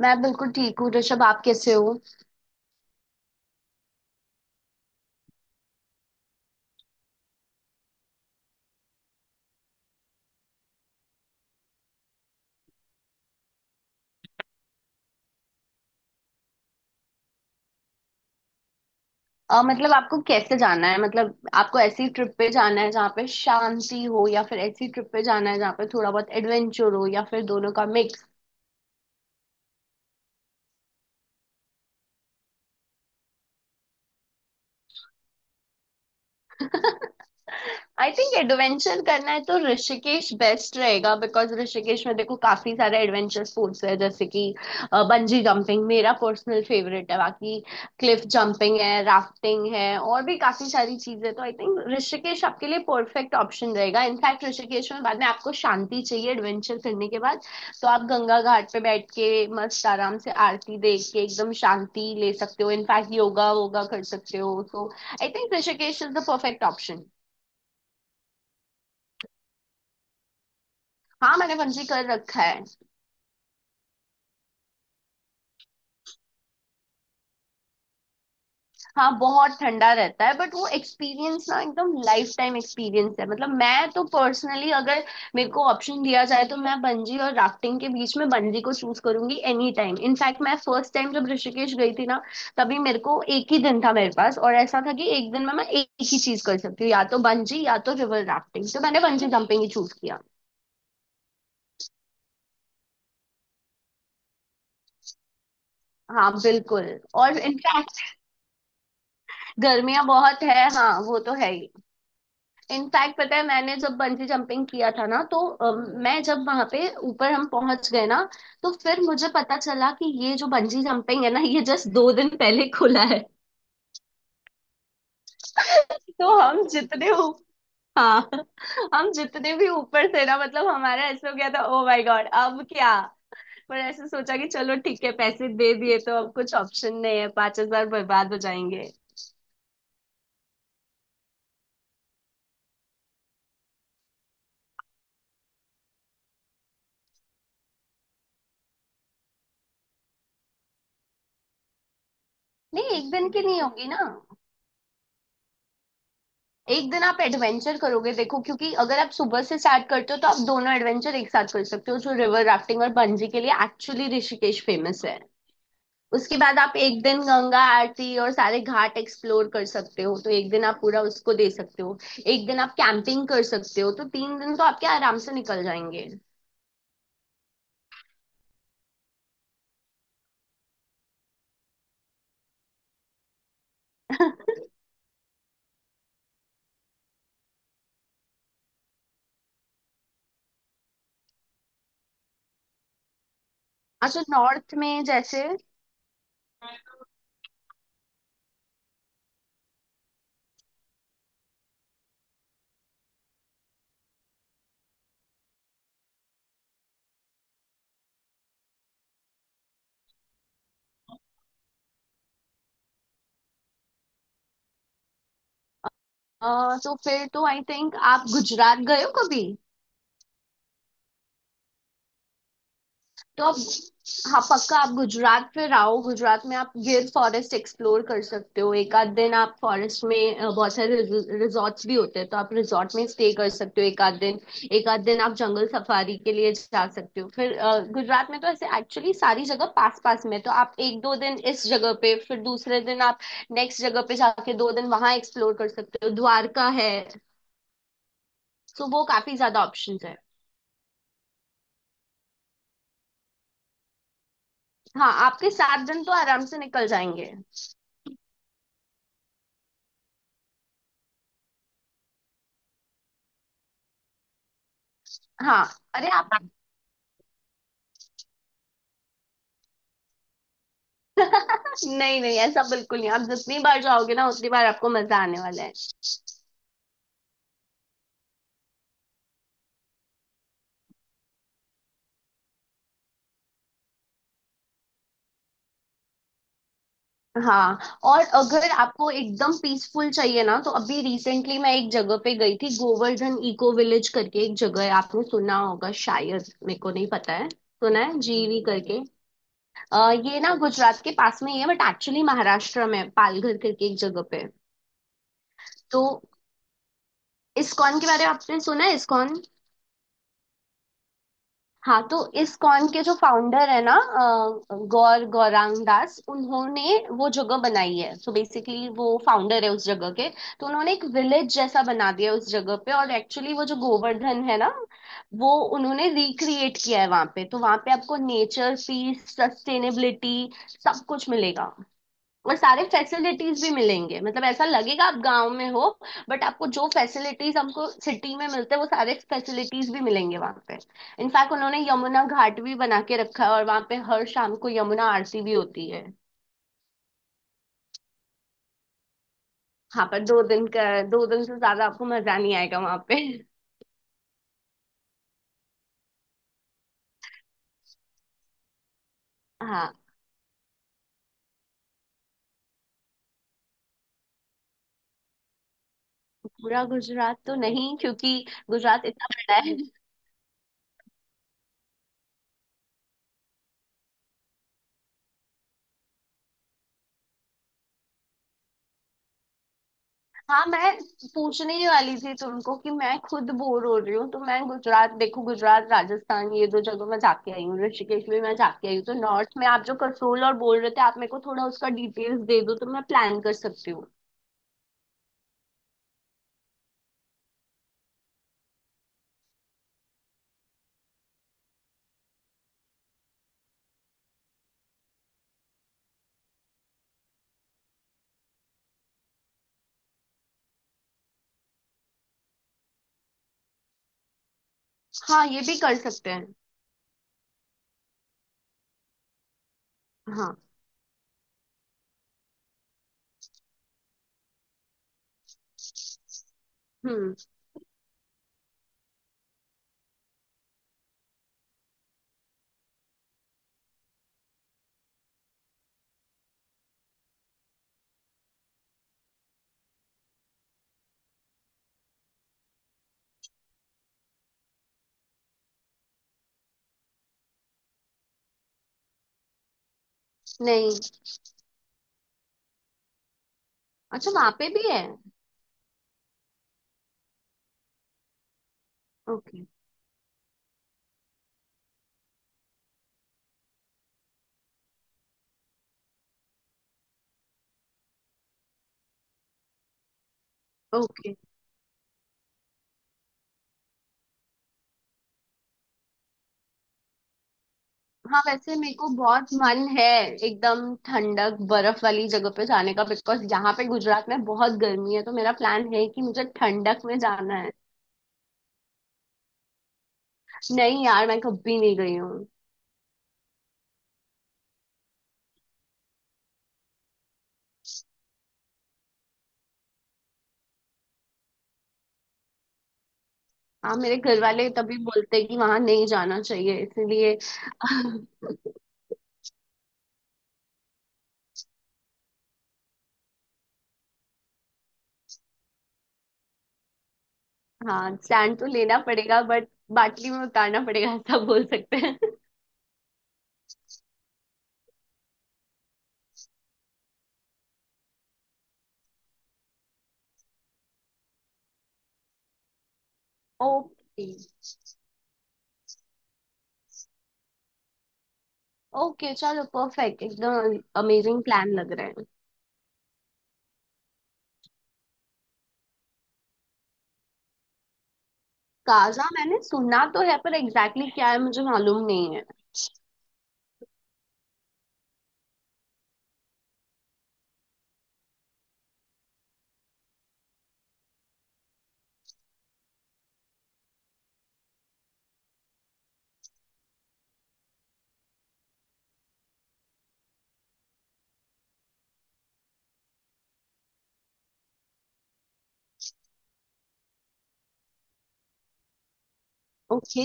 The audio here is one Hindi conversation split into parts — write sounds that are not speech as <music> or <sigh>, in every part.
मैं बिल्कुल ठीक हूँ ऋषभ। आप कैसे हो? मतलब आपको कैसे जाना है? मतलब आपको ऐसी ट्रिप पे जाना है जहाँ पे शांति हो, या फिर ऐसी ट्रिप पे जाना है जहाँ पे थोड़ा बहुत एडवेंचर हो, या फिर दोनों का मिक्स? आई थिंक एडवेंचर करना है तो ऋषिकेश बेस्ट रहेगा बिकॉज ऋषिकेश में देखो काफी सारे एडवेंचर स्पोर्ट्स है, जैसे कि बंजी जंपिंग मेरा पर्सनल फेवरेट है। बाकी क्लिफ जंपिंग है, राफ्टिंग है, और भी काफी सारी चीजें। तो आई थिंक ऋषिकेश आपके लिए परफेक्ट ऑप्शन रहेगा। इनफैक्ट ऋषिकेश में बाद में आपको शांति चाहिए एडवेंचर करने के बाद, तो आप गंगा घाट पे बैठ के मस्त आराम से आरती देख के एकदम शांति ले सकते हो। इनफैक्ट योगा वोगा कर सकते हो। तो I think Rishikesh is the perfect option. हाँ, मैंने बंजी कर रखा है। हाँ बहुत ठंडा रहता है बट वो एक्सपीरियंस ना एकदम लाइफ टाइम एक्सपीरियंस है। मतलब मैं तो पर्सनली अगर मेरे को ऑप्शन दिया जाए तो मैं बंजी और राफ्टिंग के बीच में बंजी को चूज करूंगी एनी टाइम। इनफैक्ट मैं फर्स्ट टाइम जब ऋषिकेश गई थी ना तभी मेरे को एक ही दिन था मेरे पास, और ऐसा था कि एक दिन में मैं एक ही चीज कर सकती हूँ, या तो बंजी या तो रिवर राफ्टिंग, तो मैंने बंजी जंपिंग ही चूज किया। हाँ बिल्कुल। और इनफैक्ट गर्मियां बहुत है, हाँ वो तो है ही। इनफैक्ट पता है मैंने जब बंजी जंपिंग किया था ना तो मैं जब वहां पे ऊपर हम पहुंच गए ना तो फिर मुझे पता चला कि ये जो बंजी जंपिंग है ना, ये जस्ट 2 दिन पहले खुला है। तो हम जितने ऊ- हाँ, हम जितने भी ऊपर थे ना, मतलब हमारा ऐसा हो गया था, ओ माय गॉड अब क्या? पर ऐसे सोचा कि चलो ठीक है, पैसे दे दिए तो अब कुछ ऑप्शन नहीं है, 5,000 बर्बाद हो जाएंगे। नहीं एक दिन की नहीं होगी ना। एक दिन आप एडवेंचर करोगे, देखो क्योंकि अगर आप सुबह से स्टार्ट करते हो तो आप दोनों एडवेंचर एक साथ कर सकते हो, जो रिवर राफ्टिंग और बंजी के लिए एक्चुअली ऋषिकेश फेमस है। उसके बाद आप एक दिन गंगा आरती और सारे घाट एक्सप्लोर कर सकते हो, तो एक दिन आप पूरा उसको दे सकते हो। एक दिन आप कैंपिंग कर सकते हो। तो 3 दिन तो आपके आराम से निकल जाएंगे। अच्छा, नॉर्थ में जैसे? तो फिर तो आई थिंक आप गुजरात गए हो कभी? तो आप हाँ पक्का, आप गुजरात फिर आओ। गुजरात में आप गिर फॉरेस्ट एक्सप्लोर कर सकते हो, एक आध दिन आप फॉरेस्ट में। बहुत सारे रिजॉर्ट्स भी होते हैं तो आप रिजॉर्ट में स्टे कर सकते हो एक आध दिन। एक आध दिन आप जंगल सफारी के लिए जा सकते हो। फिर गुजरात में तो ऐसे एक्चुअली सारी जगह पास पास में है। तो आप एक दो दिन इस जगह पे, फिर दूसरे दिन आप नेक्स्ट जगह पे जाके 2 दिन वहां एक्सप्लोर कर सकते हो। द्वारका है, तो वो काफी ज्यादा ऑप्शंस है। हाँ आपके 7 दिन तो आराम से निकल जाएंगे। हाँ। अरे आप, नहीं नहीं, ऐसा बिल्कुल नहीं, आप जितनी बार जाओगे ना उतनी बार आपको मजा आने वाला है। हाँ, और अगर आपको एकदम पीसफुल चाहिए ना, तो अभी रिसेंटली मैं एक जगह पे गई थी, गोवर्धन इको विलेज करके एक जगह है, आपने सुना होगा शायद, मेरे को नहीं पता है सुना है, जीवी करके। ये ना गुजरात के पास में ही है, बट एक्चुअली महाराष्ट्र में है, पालघर करके एक जगह पे है। तो इस्कॉन के बारे में आपने सुना है? इस्कॉन। हाँ, तो इस कॉन के जो फाउंडर है ना, गौरांग दास, उन्होंने वो जगह बनाई है। सो बेसिकली वो फाउंडर है उस जगह के। तो उन्होंने एक विलेज जैसा बना दिया है उस जगह पे, और एक्चुअली वो जो गोवर्धन है ना, वो उन्होंने रिक्रिएट किया है वहां पे। तो वहां पे आपको नेचर, पीस, सस्टेनेबिलिटी, सब कुछ मिलेगा। और सारे फैसिलिटीज भी मिलेंगे, मतलब ऐसा लगेगा आप गांव में हो, बट आपको जो फैसिलिटीज हमको सिटी में मिलते हैं वो सारे फैसिलिटीज भी मिलेंगे वहां पे। इनफैक्ट उन्होंने यमुना घाट भी बना के रखा है, और वहां पे हर शाम को यमुना आरती भी होती है। हाँ पर 2 दिन का, 2 दिन से ज्यादा आपको मजा नहीं आएगा वहां पे। हाँ। पूरा गुजरात तो नहीं, क्योंकि गुजरात इतना बड़ा है। हाँ, मैं पूछने ही वाली थी तुमको कि मैं खुद बोर हो रही हूँ। तो मैं गुजरात, देखो गुजरात राजस्थान ये दो जगह मैं जाके आई हूँ, ऋषिकेश भी मैं जाके आई हूँ, तो नॉर्थ में आप जो कसोल और बोल रहे थे, आप मेरे को थोड़ा उसका डिटेल्स दे दो तो मैं प्लान कर सकती हूँ। हाँ, ये भी कर सकते हैं। हाँ। हम्म। नहीं। अच्छा, वहाँ पे भी है? Okay, okay. हाँ, वैसे मेरे को बहुत मन है एकदम ठंडक बर्फ वाली जगह पे जाने का, बिकॉज यहाँ पे गुजरात में बहुत गर्मी है, तो मेरा प्लान है कि मुझे ठंडक में जाना है। नहीं यार, मैं कभी नहीं गई हूँ। हाँ, मेरे घर वाले तभी बोलते हैं कि वहां नहीं जाना चाहिए, इसलिए। <laughs> हाँ स्टैंड तो लेना पड़ेगा, बट बाटली में उतारना पड़ेगा, ऐसा बोल सकते हैं। <laughs> ओके। ओके चलो, परफेक्ट, एकदम अमेजिंग प्लान लग रहा है। काजा मैंने सुना तो है, पर एग्जैक्टली क्या है मुझे मालूम नहीं है। ओके।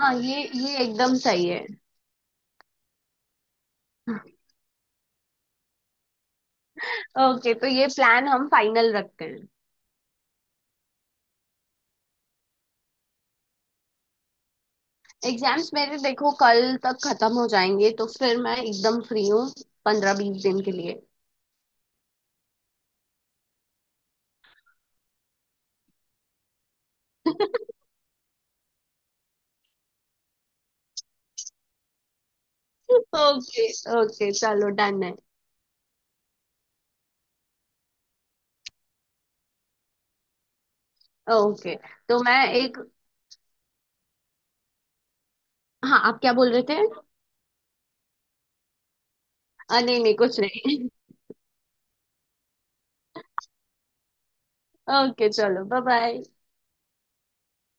हाँ ये एकदम सही है। ओके, तो ये प्लान हम फाइनल रखते हैं। एग्जाम्स मेरे देखो कल तक खत्म हो जाएंगे, तो फिर मैं एकदम फ्री हूँ, 15-20 दिन के लिए। ओके। ओके चलो, डन है। ओके, तो मैं एक, हाँ आप क्या बोल रहे थे? नहीं नहीं कुछ नहीं। <laughs> ओके चलो, बाय बाय।